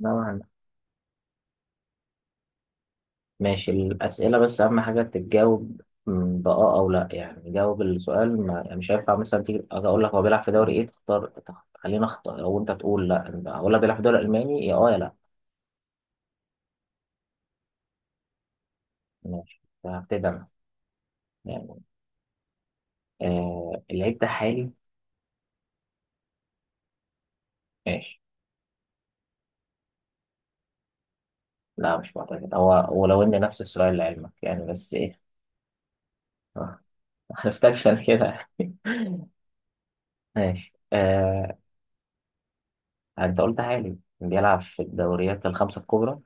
نوعا. ماشي، الأسئلة بس أهم حاجة تتجاوب م، بآه أو لأ. يعني جاوب السؤال، ما يعني مش هينفع مثلا تيجي أقول لك هو بيلعب في دوري إيه، تختار خلينا أخطأ، أو أنت تقول لأ. أقول لك بيلعب في الدوري الألماني، يا أه يا لأ. ماشي فهبتدي أنا. يعني آه، اللعيب ده حالي. ماشي، لا مش معتقد، هو ولو إن نفس السؤال لعلمك يعني، بس إيه. آه، ما عرفتكش أنا كده. ماشي آه. أنت قلت حالي، بيلعب في الدوريات الخمسة الكبرى.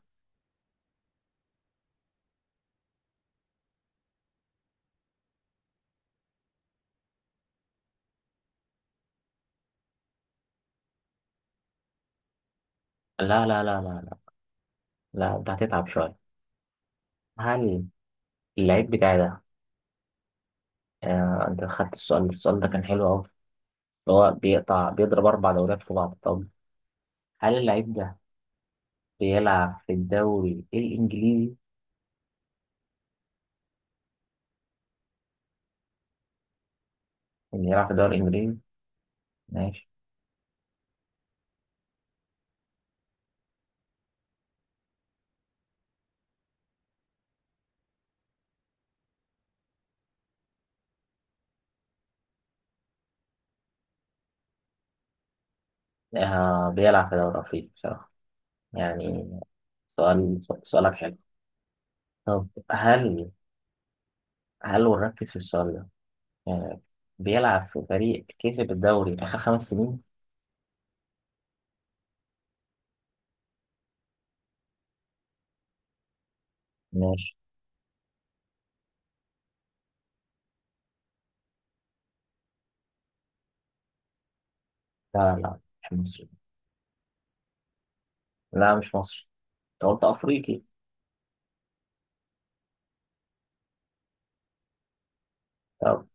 لا لا لا لا لا، لا أنت هتتعب شوية. هل اللعيب بتاعي ده، آه، انت خدت السؤال، السؤال ده كان حلو قوي، هو بيقطع بيضرب اربع دوريات في بعض. طب هل اللعيب ده بيلعب في الدوري الانجليزي؟ اللي يلعب في الدوري الانجليزي. ماشي، آه بيلعب في الدوري الافريقي بصراحه يعني. سؤال سؤالك حلو. طب هل، هل ونركز في السؤال ده يعني، بيلعب في فريق كسب الدوري اخر خمس سنين؟ ماشي، لا لا مش مصري. لا مش مصري، انت قلت افريقي. طب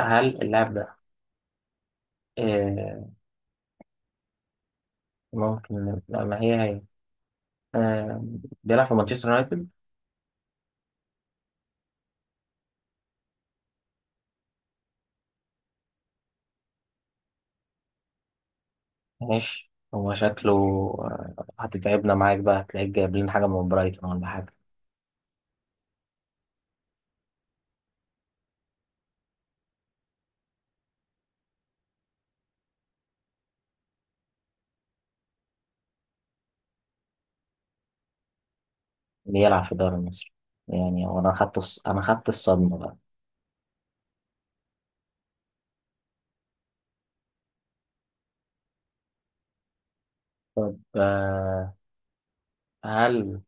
هل اللاعب ده، آه، ممكن لا، ما هي هي، آه، بيلعب في مانشستر يونايتد؟ ماشي، هو شكله، آه، هتتعبنا معاك بقى، هتلاقيك جايب لنا حاجة من برايتون ولا حاجة. بيلعب في الدوري المصري؟ يعني هو، أنا خدت الصدمة بقى. طب آه، هل،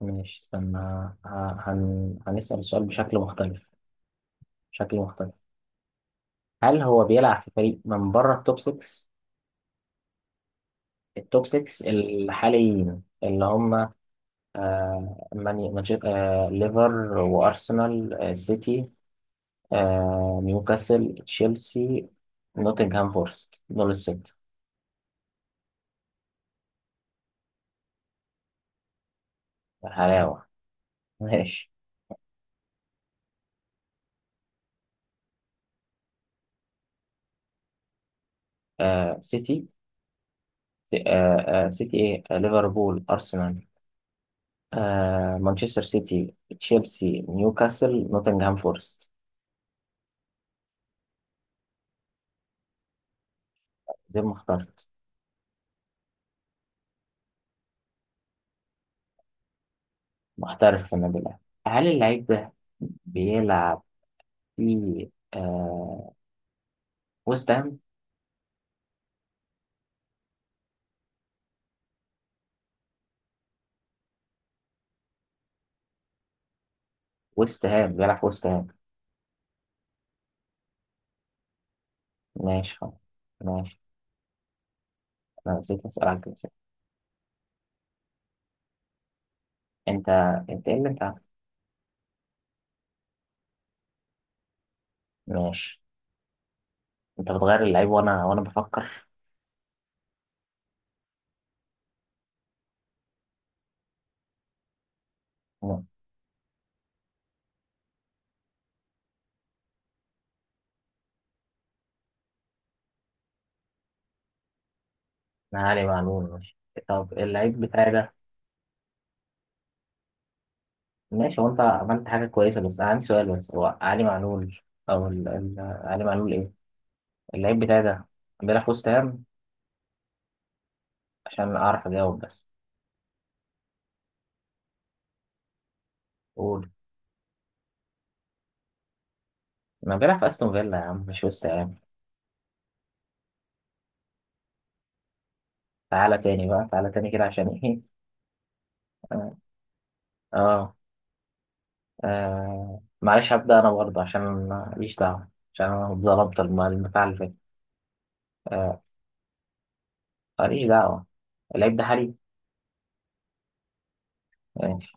ماشي استنى، هنسأل السؤال بشكل مختلف، بشكل مختلف. هل هو بيلعب في فريق من بره التوب 6؟ التوب 6 الحاليين اللي هم، آه مانشستر، آه ليفر وأرسنال، آه سيتي، آه نيوكاسل، تشيلسي، نوتنغهام فورست، دول الستة. حلاوة. ماشي، آه سيتي، آه آه سيتي إيه آه ليفربول، أرسنال، آه مانشستر سيتي، تشيلسي، نيوكاسل، نوتنغهام فورست. زي ما اخترت. محترف في النادي الأهلي. هل اللعيب ده بيلعب في آه ويست هام؟ ويست هام، بيلعب في ويست هام. ماشي خلاص. ماشي، انا نسيت اسال عنك، نسيت. انت انت ايه اللي انت عارفه؟ ماشي، انت بتغير اللعيب، وانا بفكر. انا علي معلول. ماشي، طب اللعيب بتاعي ده، ماشي. هو انت عملت حاجه كويسه، بس انا عندي سؤال بس. هو علي معلول او ال... ال... علي معلول ايه. اللعيب بتاعي ده بيلعب في وست هام، عشان اعرف اجاوب بس. قول. انا بيلعب في استون فيلا يا عم، مش وست هام. تعالى تاني بقى، تعالى تاني كده، عشان ايه. اه, آه. آه. معلش هبدأ انا برضه، عشان ماليش دعوه، عشان انا اتظلمت البتاع اللي فات. آه، ماليش دعوة. اللعيب ده حالي. ماشي،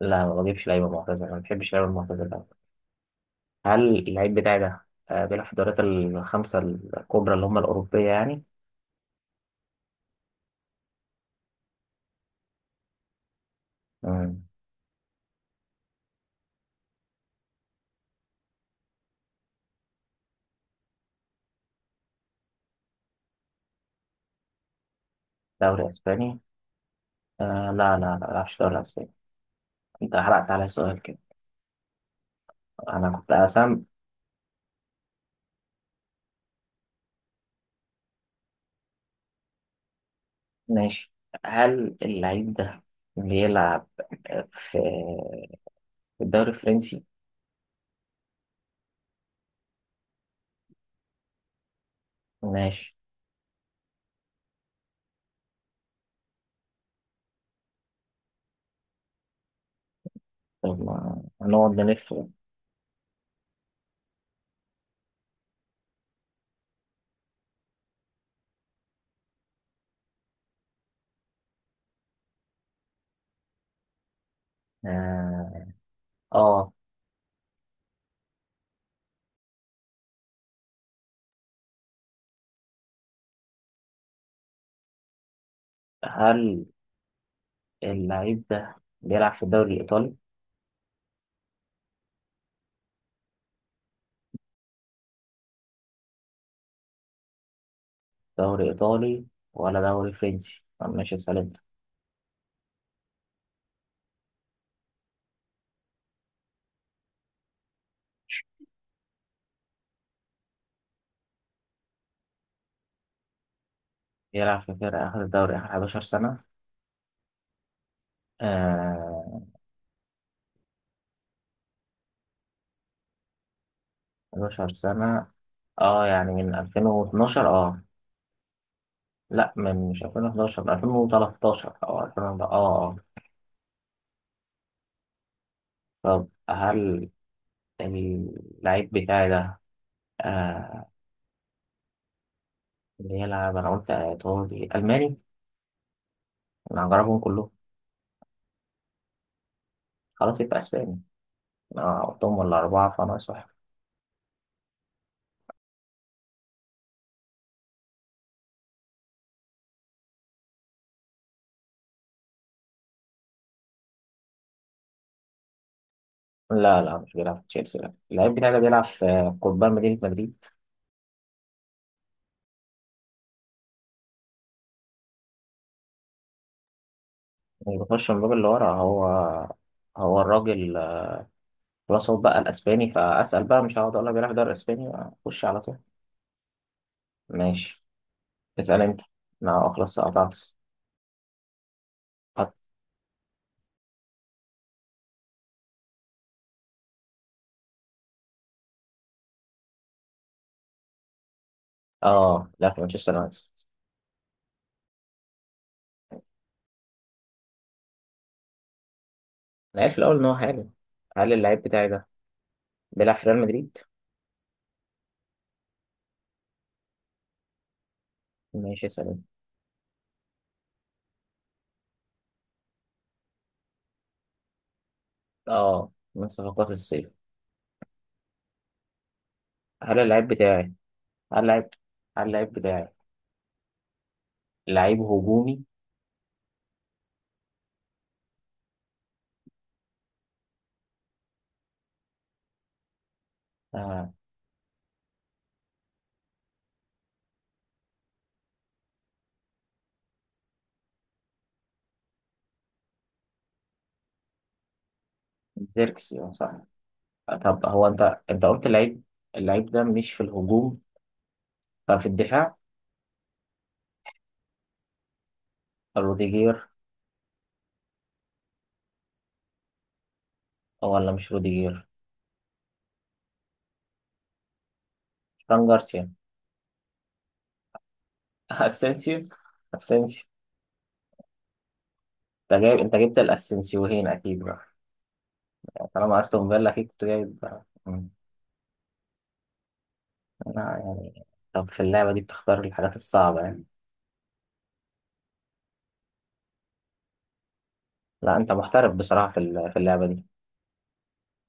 لا ما بجيبش لعيبة معتزلة، ما بحبش اللعيبة المعتزلة. هل اللعيب بتاعي ده، آه، بيلعب في الدوريات الخمسة الكبرى اللي هم الأوروبية يعني؟ مم. دوري أسباني؟ آه لا لا لا، ما بلعبش دوري أسباني. أنت حرقت على السؤال كده، أنا كنت أسام. ماشي، هل اللعيب ده بيلعب في الدوري الفرنسي؟ ماشي، طب ما هنقعد نلف. آه آه. هل اللعيب ده بيلعب في الدوري الإيطالي؟ دوري إيطالي ولا دوري فرنسي، طب ماشي سألت. يلعب في فرقة آخر الدوري آخر 11 سنة؟ آه 11 سنة. اه يعني من 2012، اه لا، من مش 2011، من 2013 أو 2000، اه. طب هل اللعيب بتاعي ده، آه، بيلعب، أنا قلت إيطالي، ألماني، أنا هجربهم كلهم. خلاص يبقى أسباني، أنا قلتهم ولا أربعة فأنا واحد. لا لا، مش بيلعب في تشيلسي، لا. اللعيب بتاعي ده بيلعب في قضبان مدينة مدريد. اللي بخش من الباب اللي ورا، هو الراجل. خلاص هو بقى الاسباني، فاسال بقى، مش هقعد اقول لك بيعرف يدرس اسباني. اخش على طول. ماشي، اسال انت، انا خلاص قطعت. حط، اه، لا في مانشستر يونايتد. انا عارف الاول ان هو حالي. هل اللعيب بتاعي ده بيلعب في ريال مدريد؟ ماشي، اسال انت. اه من صفقات الصيف. هل اللعيب بتاعي، هل اللعيب، هل اللعيب بتاعي لعيب هجومي؟ آه. زيركسي، اه صح. طب هو انت، قلت اللعيب، اللعيب ده مش في الهجوم، ففي الدفاع. روديجير، أو ولا مش روديجير. فران جارسيا. اسينسيو، اسينسيو. انت جايب، انت جبت الاسينسيوهين اكيد بقى. طالما استون فيلا اكيد كنت جايب بقى. مم. لا يعني، طب في اللعبه دي بتختار الحاجات الصعبه يعني. لا انت محترف بصراحه، في في اللعبه دي.